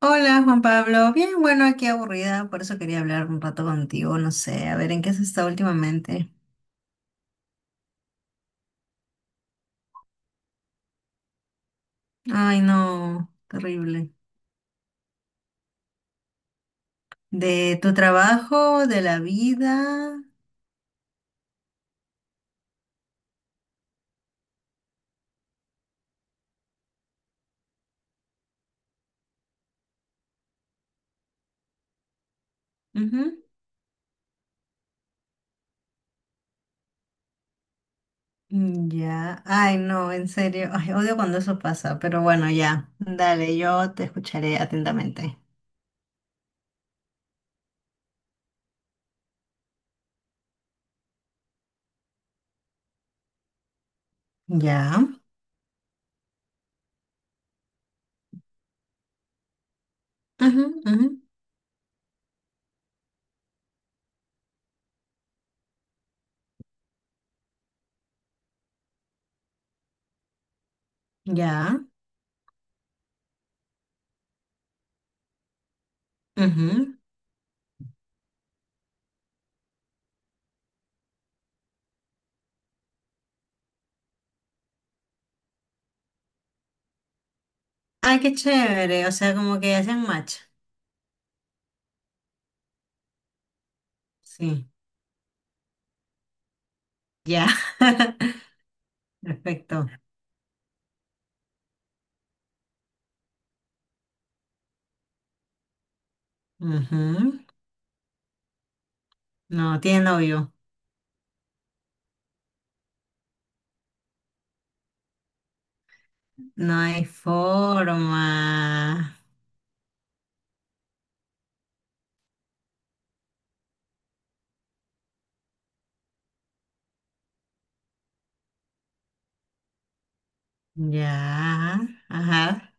Hola Juan Pablo, bien, bueno, aquí aburrida, por eso quería hablar un rato contigo, no sé, a ver en qué has estado últimamente. Ay, no, terrible. ¿De tu trabajo, de la vida? Ujú. Mm, ya, ay, no, en serio, ay, odio cuando eso pasa, pero bueno, ya, dale, yo te escucharé atentamente. Ya, ujú, ujú, ya, ujú. Ay, qué chévere, o sea, como que hacen match. Sí, ya, perfecto. Ujú. No, tiene novio. No hay forma. Ya. Ajá.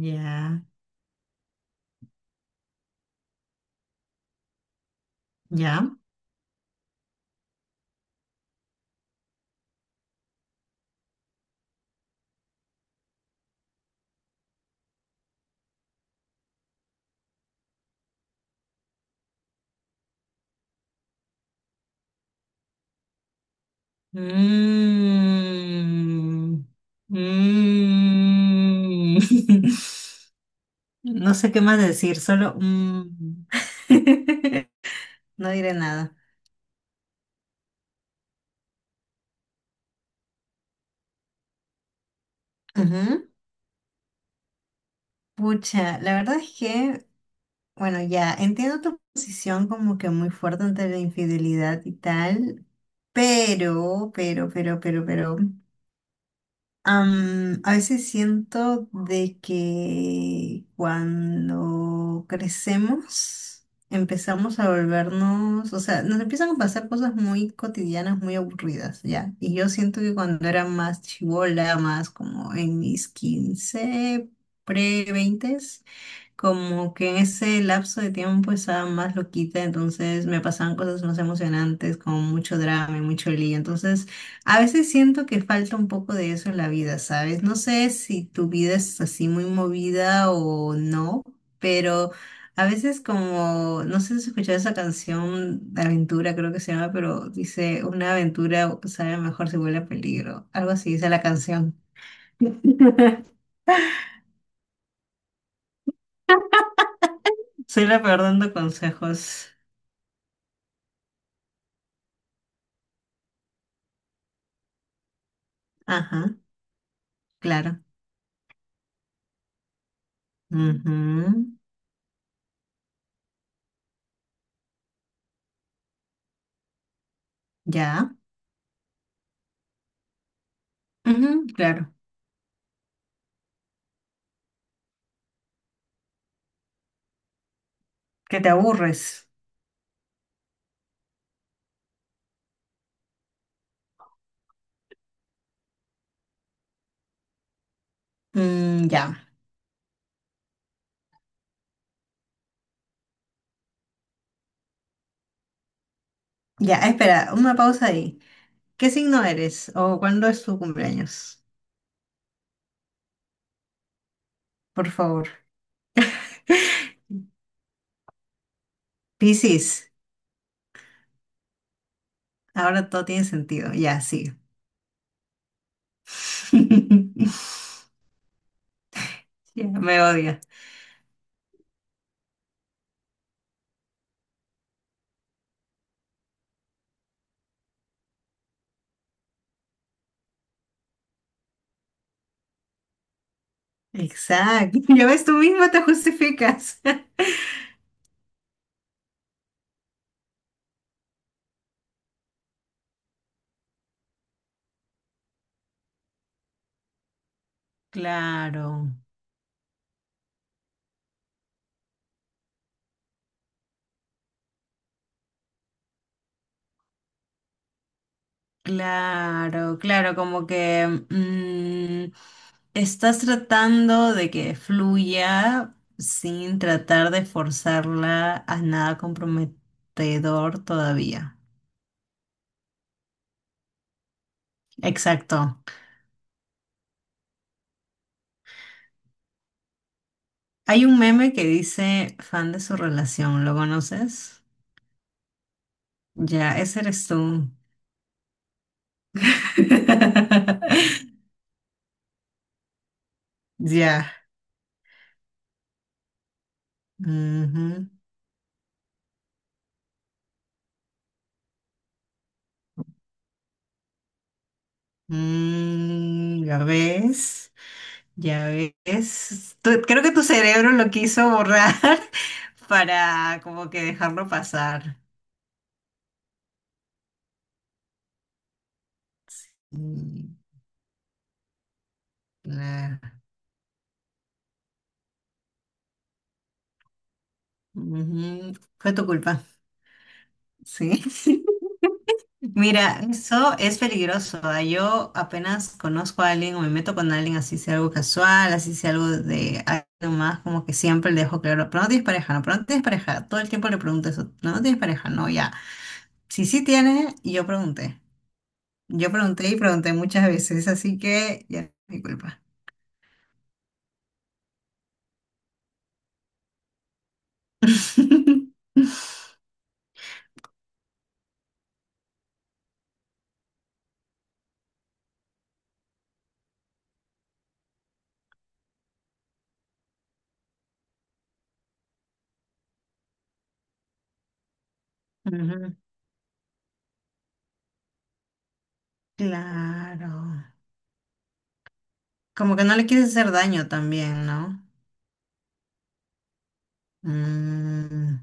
Ya. Ya. Mm. Mm. No sé qué más decir, solo mm. No diré nada. Ujú. Pucha, la verdad es que, bueno, ya entiendo tu posición como que muy fuerte ante la infidelidad y tal, pero, pero. A veces siento de que cuando crecemos empezamos a volvernos, o sea, nos empiezan a pasar cosas muy cotidianas, muy aburridas, ¿ya? Y yo siento que cuando era más chibola, más como en mis 15 pre-20, como que en ese lapso de tiempo estaba más loquita, entonces me pasaban cosas más emocionantes, como mucho drama y mucho lío. Entonces, a veces siento que falta un poco de eso en la vida, ¿sabes? No sé si tu vida es así muy movida o no, pero a veces como, no sé si has escuchado esa canción de aventura, creo que se llama, pero dice, una aventura sabe mejor si huele a peligro. Algo así dice la canción. Soy la peor dando consejos. Ajá, claro. Ujú, ya. Ujú, claro. Que te aburres. Mm, ya. Ya, espera, una pausa ahí. ¿Qué signo eres o cuándo es tu cumpleaños? Por favor. Piscis. Ahora todo tiene sentido. Ya, sí. Ya, me odia. Exacto. Ya ves, tú misma te justificas. Claro. Claro, claro, como que mm, estás tratando de que fluya sin tratar de forzarla a nada comprometedor todavía. Exacto. Hay un meme que dice fan de su relación, ¿lo conoces? Ya, ese eres tú. Ya. Ujú. Mm, ¿ya ves? Ya ves, creo que tu cerebro lo quiso borrar para como que dejarlo pasar. Mm, nah. Ujú, fue tu culpa, sí. Mira, eso es peligroso. Yo apenas conozco a alguien o me meto con alguien, así sea algo casual, así sea algo de algo más, como que siempre le dejo claro, pero no tienes pareja, no, pero no tienes pareja. Todo el tiempo le pregunto eso, no, no tienes pareja, no, ya. Si sí tiene, y yo pregunté. Yo pregunté y pregunté muchas veces, así que ya mi culpa. Ujú, claro. Como que no le quieres hacer daño también, ¿no? Mm,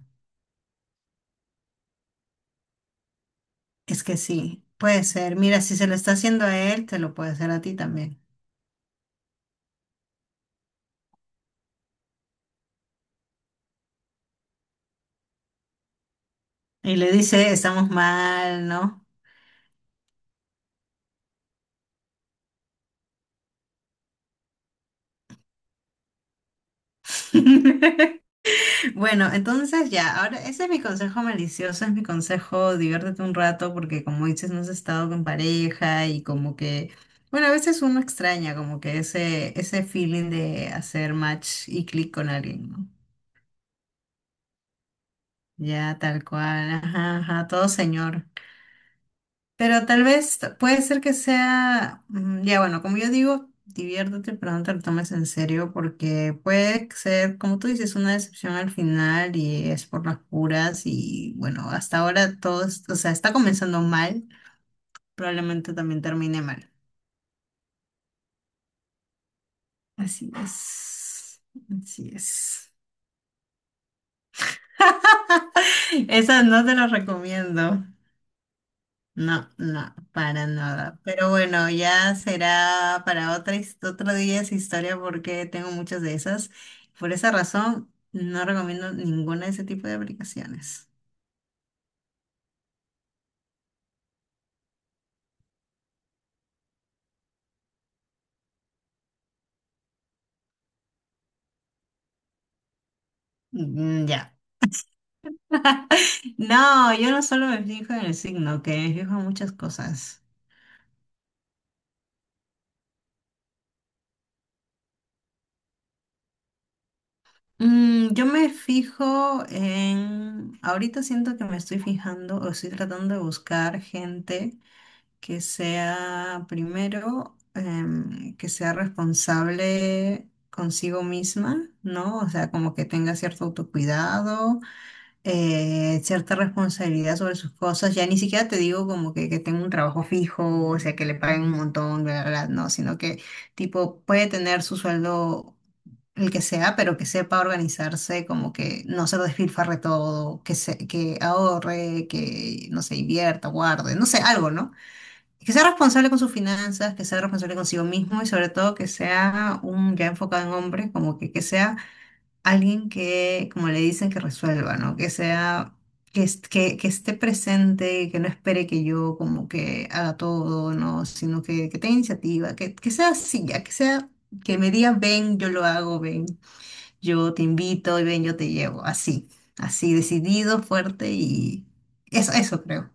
es que sí, puede ser. Mira, si se lo está haciendo a él, te lo puede hacer a ti también. Y le dice, estamos mal, ¿no? Bueno, entonces ya, ahora ese es mi consejo malicioso, es mi consejo, diviértete un rato porque como dices, no has estado con pareja y como que, bueno, a veces uno extraña como que ese feeling de hacer match y clic con alguien, ¿no? Ya, tal cual, ajá, ajá, todo señor. Pero tal vez puede ser que sea, mm, ya bueno, como yo digo, diviértete, pero no te lo tomes en serio porque puede ser, como tú dices, una decepción al final y es por las puras y bueno, hasta ahora todo, o sea, está comenzando mal, probablemente también termine mal. Así es, así es. Esa no te la recomiendo. No, no, para nada. Pero bueno, ya será para otra, otro día esa historia porque tengo muchas de esas. Por esa razón, no recomiendo ninguna de ese tipo de aplicaciones. Mm, ya. No, yo no solo me fijo en el signo, que me fijo en muchas cosas. Mm, yo me fijo en... Ahorita siento que me estoy fijando o estoy tratando de buscar gente que sea primero, que sea responsable consigo misma, ¿no? O sea, como que tenga cierto autocuidado, cierta responsabilidad sobre sus cosas. Ya ni siquiera te digo como que tenga un trabajo fijo, o sea, que le paguen un montón, bla, bla, bla, no, sino que tipo puede tener su sueldo, el que sea, pero que sepa organizarse, como que no se lo despilfarre todo, que ahorre, que no se invierta, guarde, no sé, algo, ¿no? Que sea responsable con sus finanzas, que sea responsable consigo mismo y sobre todo que sea un ya enfocado en hombres, como que sea alguien que, como le dicen, que resuelva, ¿no? Que sea, que esté presente, que no espere que yo como que haga todo, ¿no? Sino que tenga iniciativa, que sea así, ya que sea, que me diga, ven, yo lo hago, ven, yo te invito y ven, yo te llevo, así, así, decidido, fuerte y eso creo.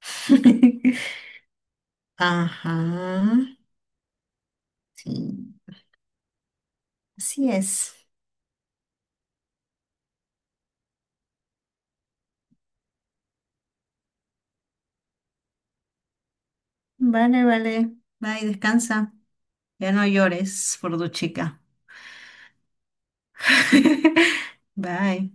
Ajá. Sí, así es. Vale, vale. Bye, descansa. Ya no llores por tu chica. Bye.